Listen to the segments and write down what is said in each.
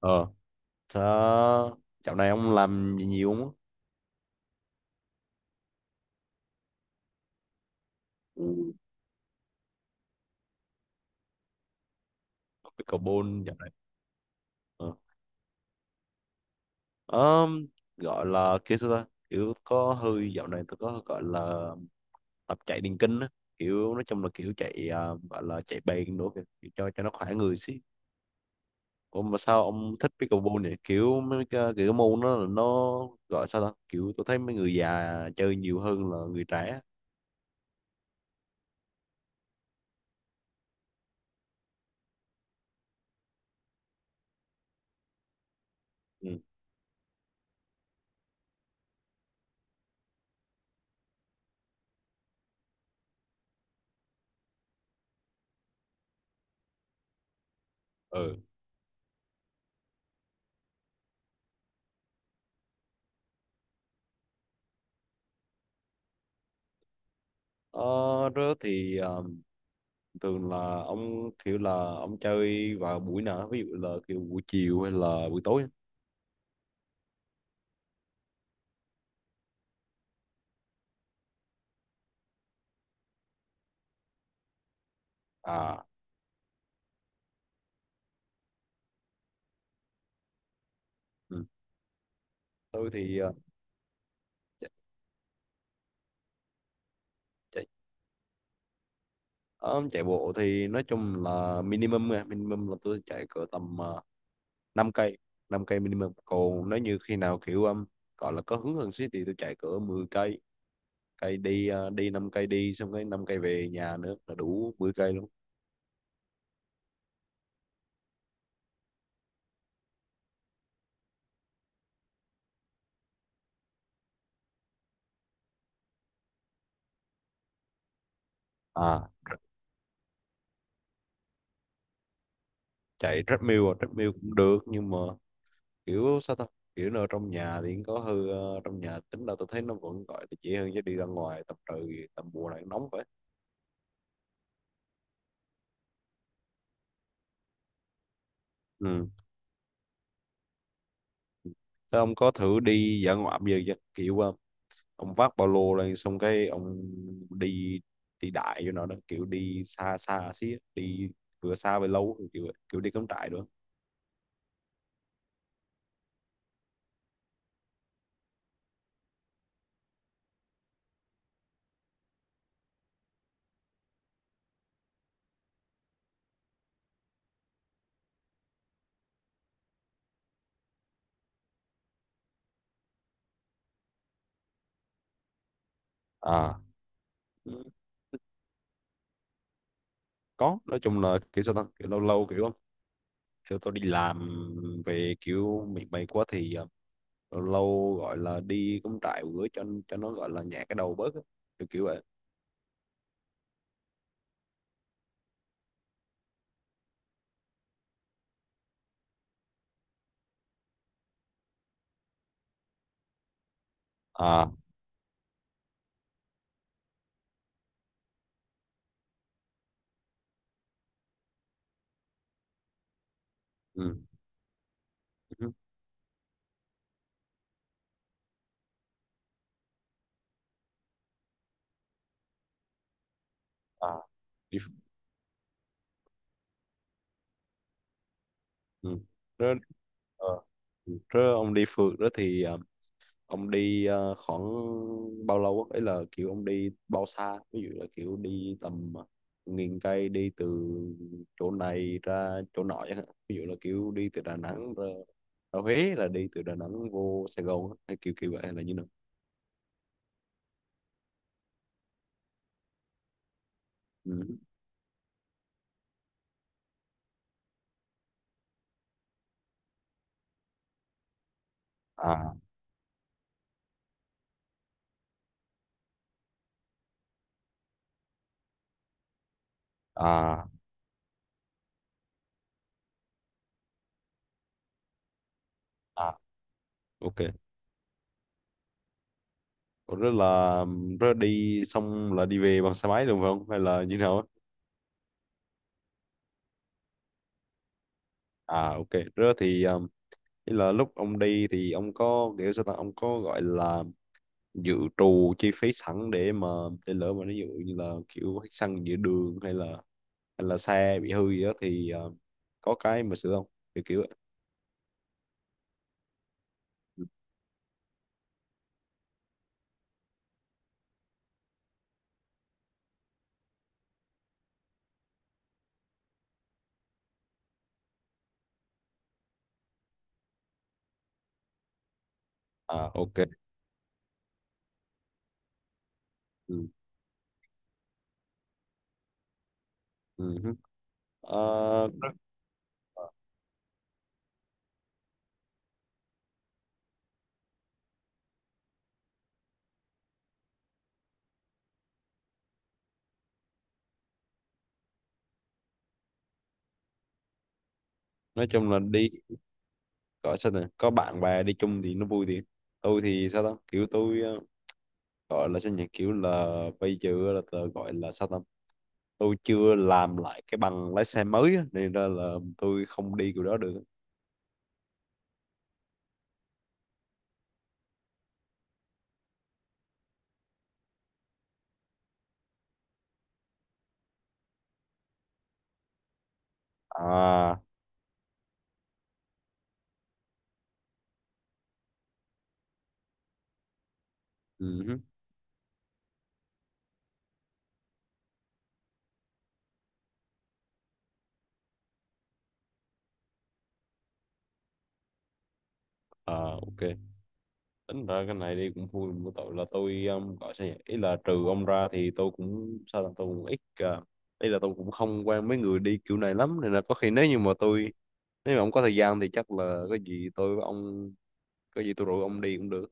ờ Sao dạo này ông làm gì nhiều không á? Ừ. Pickleball dạo này. ờ Ờm, Gọi là kia sao ta, kiểu có hơi dạo này tôi có gọi là tập chạy điền kinh á, kiểu nói chung là kiểu chạy, à, gọi là chạy bền nữa kìa, kiểu cho nó khỏe người xí. Ủa mà sao ông thích pickleball vậy? Kiểu mấy cái môn đó là nó gọi sao ta, kiểu tôi thấy mấy người già chơi nhiều hơn là người trẻ. Ừ. Ừ. Ờ, đó thì ờ, Thường là ông kiểu là ông chơi vào buổi nào? Ví dụ là kiểu buổi chiều hay là buổi tối? À. Ừ. tôi thì chạy, chạy, ờ, chạy bộ thì nói chung là minimum nha, minimum là tôi chạy cỡ tầm 5 cây, 5 cây minimum. Còn nếu như khi nào kiểu gọi là có hứng hơn xí thì tôi chạy cỡ 10 cây, cây đi đi 5 cây đi, xong cái 5 cây về nhà nữa là đủ 10 cây luôn. À, chạy treadmill à? Treadmill cũng được nhưng mà kiểu sao ta, kiểu nó trong nhà thì cũng có hư trong nhà tính là tôi thấy nó vẫn gọi là dễ hơn, chứ đi ra ngoài tầm trời tầm mùa này nóng vậy. Ừ. Thế ông có thử đi dã ngoại bây giờ chưa? Ông vác ba lô lên xong cái ông đi, đi đại cho nó đó, kiểu đi xa xa xí á, đi vừa xa về lâu, kiểu kiểu đi cắm trại nữa. À. Ừ, có, nói chung là kiểu sao ta, kiểu lâu lâu kiểu kiểu tôi đi làm về kiểu mệt mệt quá thì lâu gọi là đi cắm trại một bữa cho nó gọi là nhẹ cái đầu bớt á, kiểu kiểu vậy. À. Ừ. Ừ. À. Đi ừ. Rồi, ờ, ừ. Rồi ông đi phượt đó thì ông đi khoảng bao lâu á, ấy là kiểu ông đi bao xa? Ví dụ là kiểu đi tầm 1000 cây, đi từ chỗ này ra chỗ nọ chẳng hạn. Ví dụ là kiểu đi từ Đà Nẵng ra Huế, là đi từ Đà Nẵng vô Sài Gòn á, hay kiểu kiểu vậy hay là như nào? Ừ. À. À. À. Ok. Ủa, rất là đi xong là đi về bằng xe máy đúng không, hay là như nào á? À, ok. Rất thì ý là lúc ông đi thì ông có kiểu sao ta, ông có gọi là dự trù chi phí sẵn để mà để lỡ mà ví dụ như là kiểu hết xăng giữa đường hay là xe bị hư gì đó thì có cái mà sửa không, kiểu kiểu vậy. À, ok. Ừ. Ừ. Hứ. Ờ, nói nói chung là đi, gọi sao này có bạn bè đi chung thì nó vui thì tôi thì sao ta, kiểu tôi gọi là sao nhỉ, kiểu là bây giờ là tớ gọi là sao ta, tôi chưa làm lại cái bằng lái xe mới á, nên ra là tôi không đi kiểu đó được. À. Ừ, hứ. À, ok. Tính ra cái này đi cũng vui, một tội là tôi gọi sao nhỉ, ý là trừ ông ra thì tôi cũng sao là tôi cũng ít ý là tôi cũng không quen mấy người đi kiểu này lắm, nên là có khi nếu như mà tôi, nếu mà ông có thời gian thì chắc là có gì tôi với ông, có gì tôi rủ ông đi cũng được.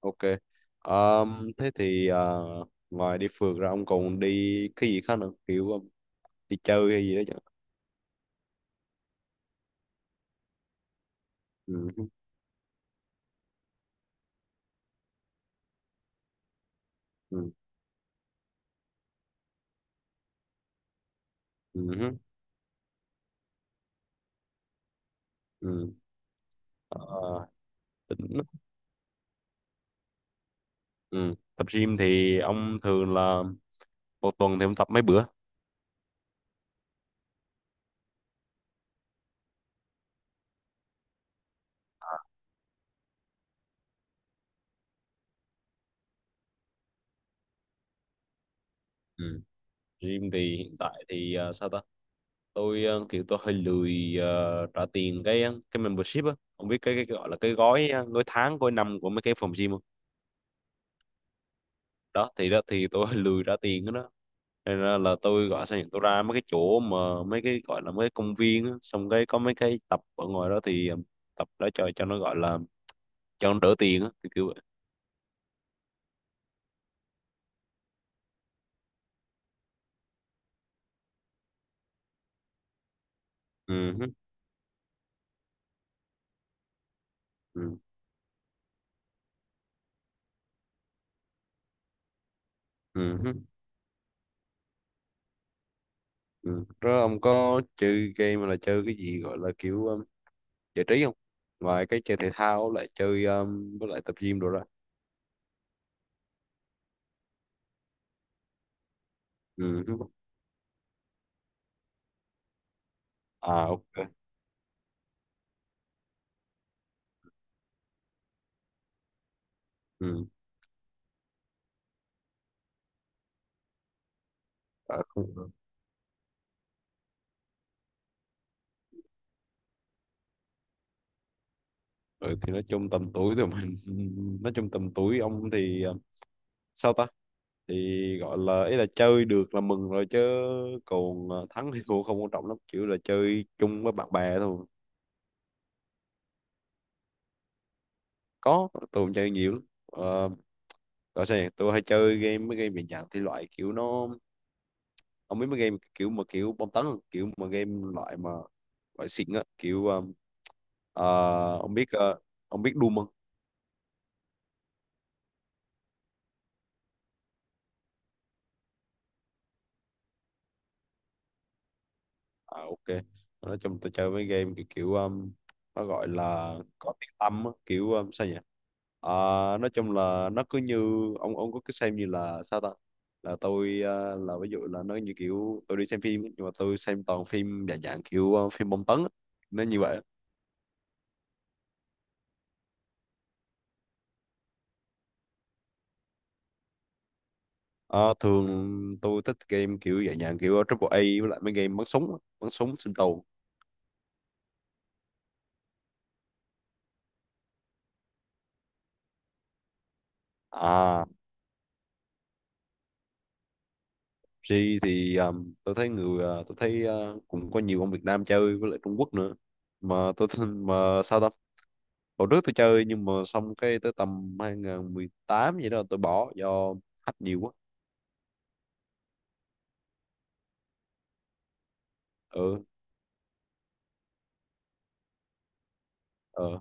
Ok. Thế thì ngoài đi phượt ra ông còn đi cái gì khác nữa, kiểu đi chơi hay gì đó chứ? Ừ. Ừ. Ừ. Ừ. Ờ, Tính. Ừ. Tập gym thì ông thường là một tuần thì ông tập mấy bữa? Ừ. Gym thì hiện tại thì sao ta? Tôi kiểu tôi hơi lười trả tiền cái cái membership á. Không biết cái gọi là cái gói gói tháng, gói năm của mấy cái phòng gym không? Đó thì tôi lười ra tiền đó, đó. Nên là tôi gọi sao nhỉ, tôi ra mấy cái chỗ mà mấy cái gọi là mấy cái công viên á, xong cái có mấy cái tập ở ngoài đó thì tập đó cho nó gọi là cho nó đỡ tiền á, kiểu kiểu vậy. Ừ hứ. Ừ. Ừ hứ. Ừ, rồi ông có chơi game, mà là chơi cái gì gọi là kiểu giải trí không, ngoài cái chơi thể thao lại chơi với lại tập gym đồ ra? Ừ hứ. À, ok. Ừ. À, không. Ừ, thì nói chung tầm tuổi tụi mình nói chung tầm tuổi ông thì sao ta, thì gọi là ý là chơi được là mừng rồi, chứ còn thắng hay thua không quan trọng lắm, kiểu là chơi chung với bạn bè thôi. Có, tôi cũng chơi nhiều lắm gọi sao nhỉ? Tôi hay chơi game mấy game dạng dạng thì loại kiểu nó, không biết mấy game kiểu mà kiểu bom tấn không? Kiểu mà game loại mà loại xịn á, kiểu ông biết ông biết Doom không? À, ok. Nói chung tôi chơi mấy game kiểu nó gọi là có tiếng tăm á, kiểu sao nhỉ, à, nói chung là nó cứ như, ông có cứ xem như là sao ta, là tôi là ví dụ là nó như kiểu tôi đi xem phim ấy, nhưng mà tôi xem toàn phim dạng dạng kiểu phim bom tấn á, nó như vậy. Ờ, thường tôi thích game kiểu dạng dạng kiểu triple A, với lại mấy game bắn súng á, bắn súng sinh tồn. À, G thì tôi thấy người tôi thấy cũng có nhiều ông Việt Nam chơi với lại Trung Quốc nữa, mà tôi thấy- mà sao ta, hồi trước tôi chơi nhưng mà xong cái tới tầm 2018 vậy đó tôi bỏ do hack nhiều quá. Ừ. Ừ.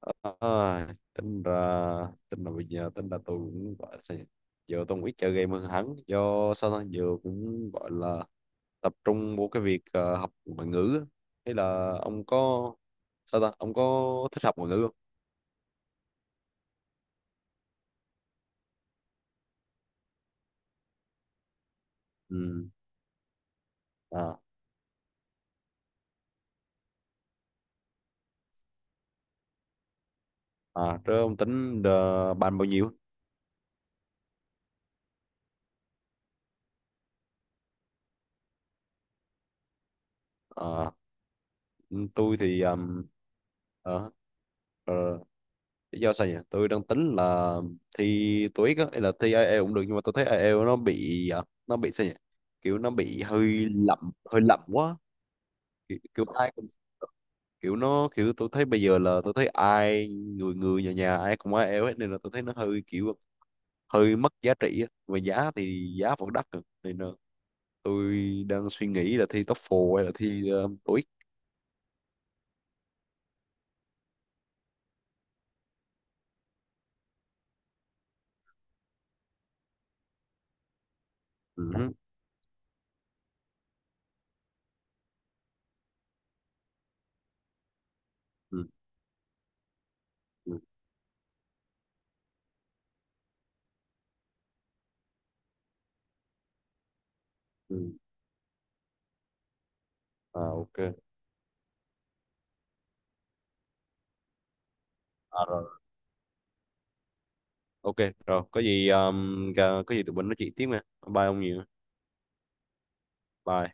À, tính ra tính là bây giờ tính là tôi cũng gọi là sao nhỉ? Giờ tôi cũng ít chơi game hơn hẳn, do sao ta giờ cũng gọi là tập trung vô cái việc học ngoại ngữ á. Hay là ông có sao ta, ông có thích học ngoại ngữ không? Ừ. À. À, rồi ông tính bàn bao nhiêu? Ờ, tôi thì ờ, ờ, lý do sao nhỉ, tôi đang tính là thi TOEIC á hay là thi IELTS cũng được, nhưng mà tôi thấy IELTS nó bị nó bị sao nhỉ, kiểu nó bị hơi lậm, hơi lậm quá, kiểu ai cũng, kiểu nó kiểu tôi thấy bây giờ là tôi thấy ai người người nhà nhà ai cũng IELTS hết, nên là tôi thấy nó hơi kiểu hơi mất giá trị á, mà giá thì giá vẫn đắt rồi. Nên là tôi đang suy nghĩ là thi TOEFL hay là thi uh, Ừ, hứ, ừ, ừ, ừ. À, ok. À, rồi. Ok, rồi. Có gì tụi mình nói chuyện tiếp nha. Bye ông nhiều. Bye.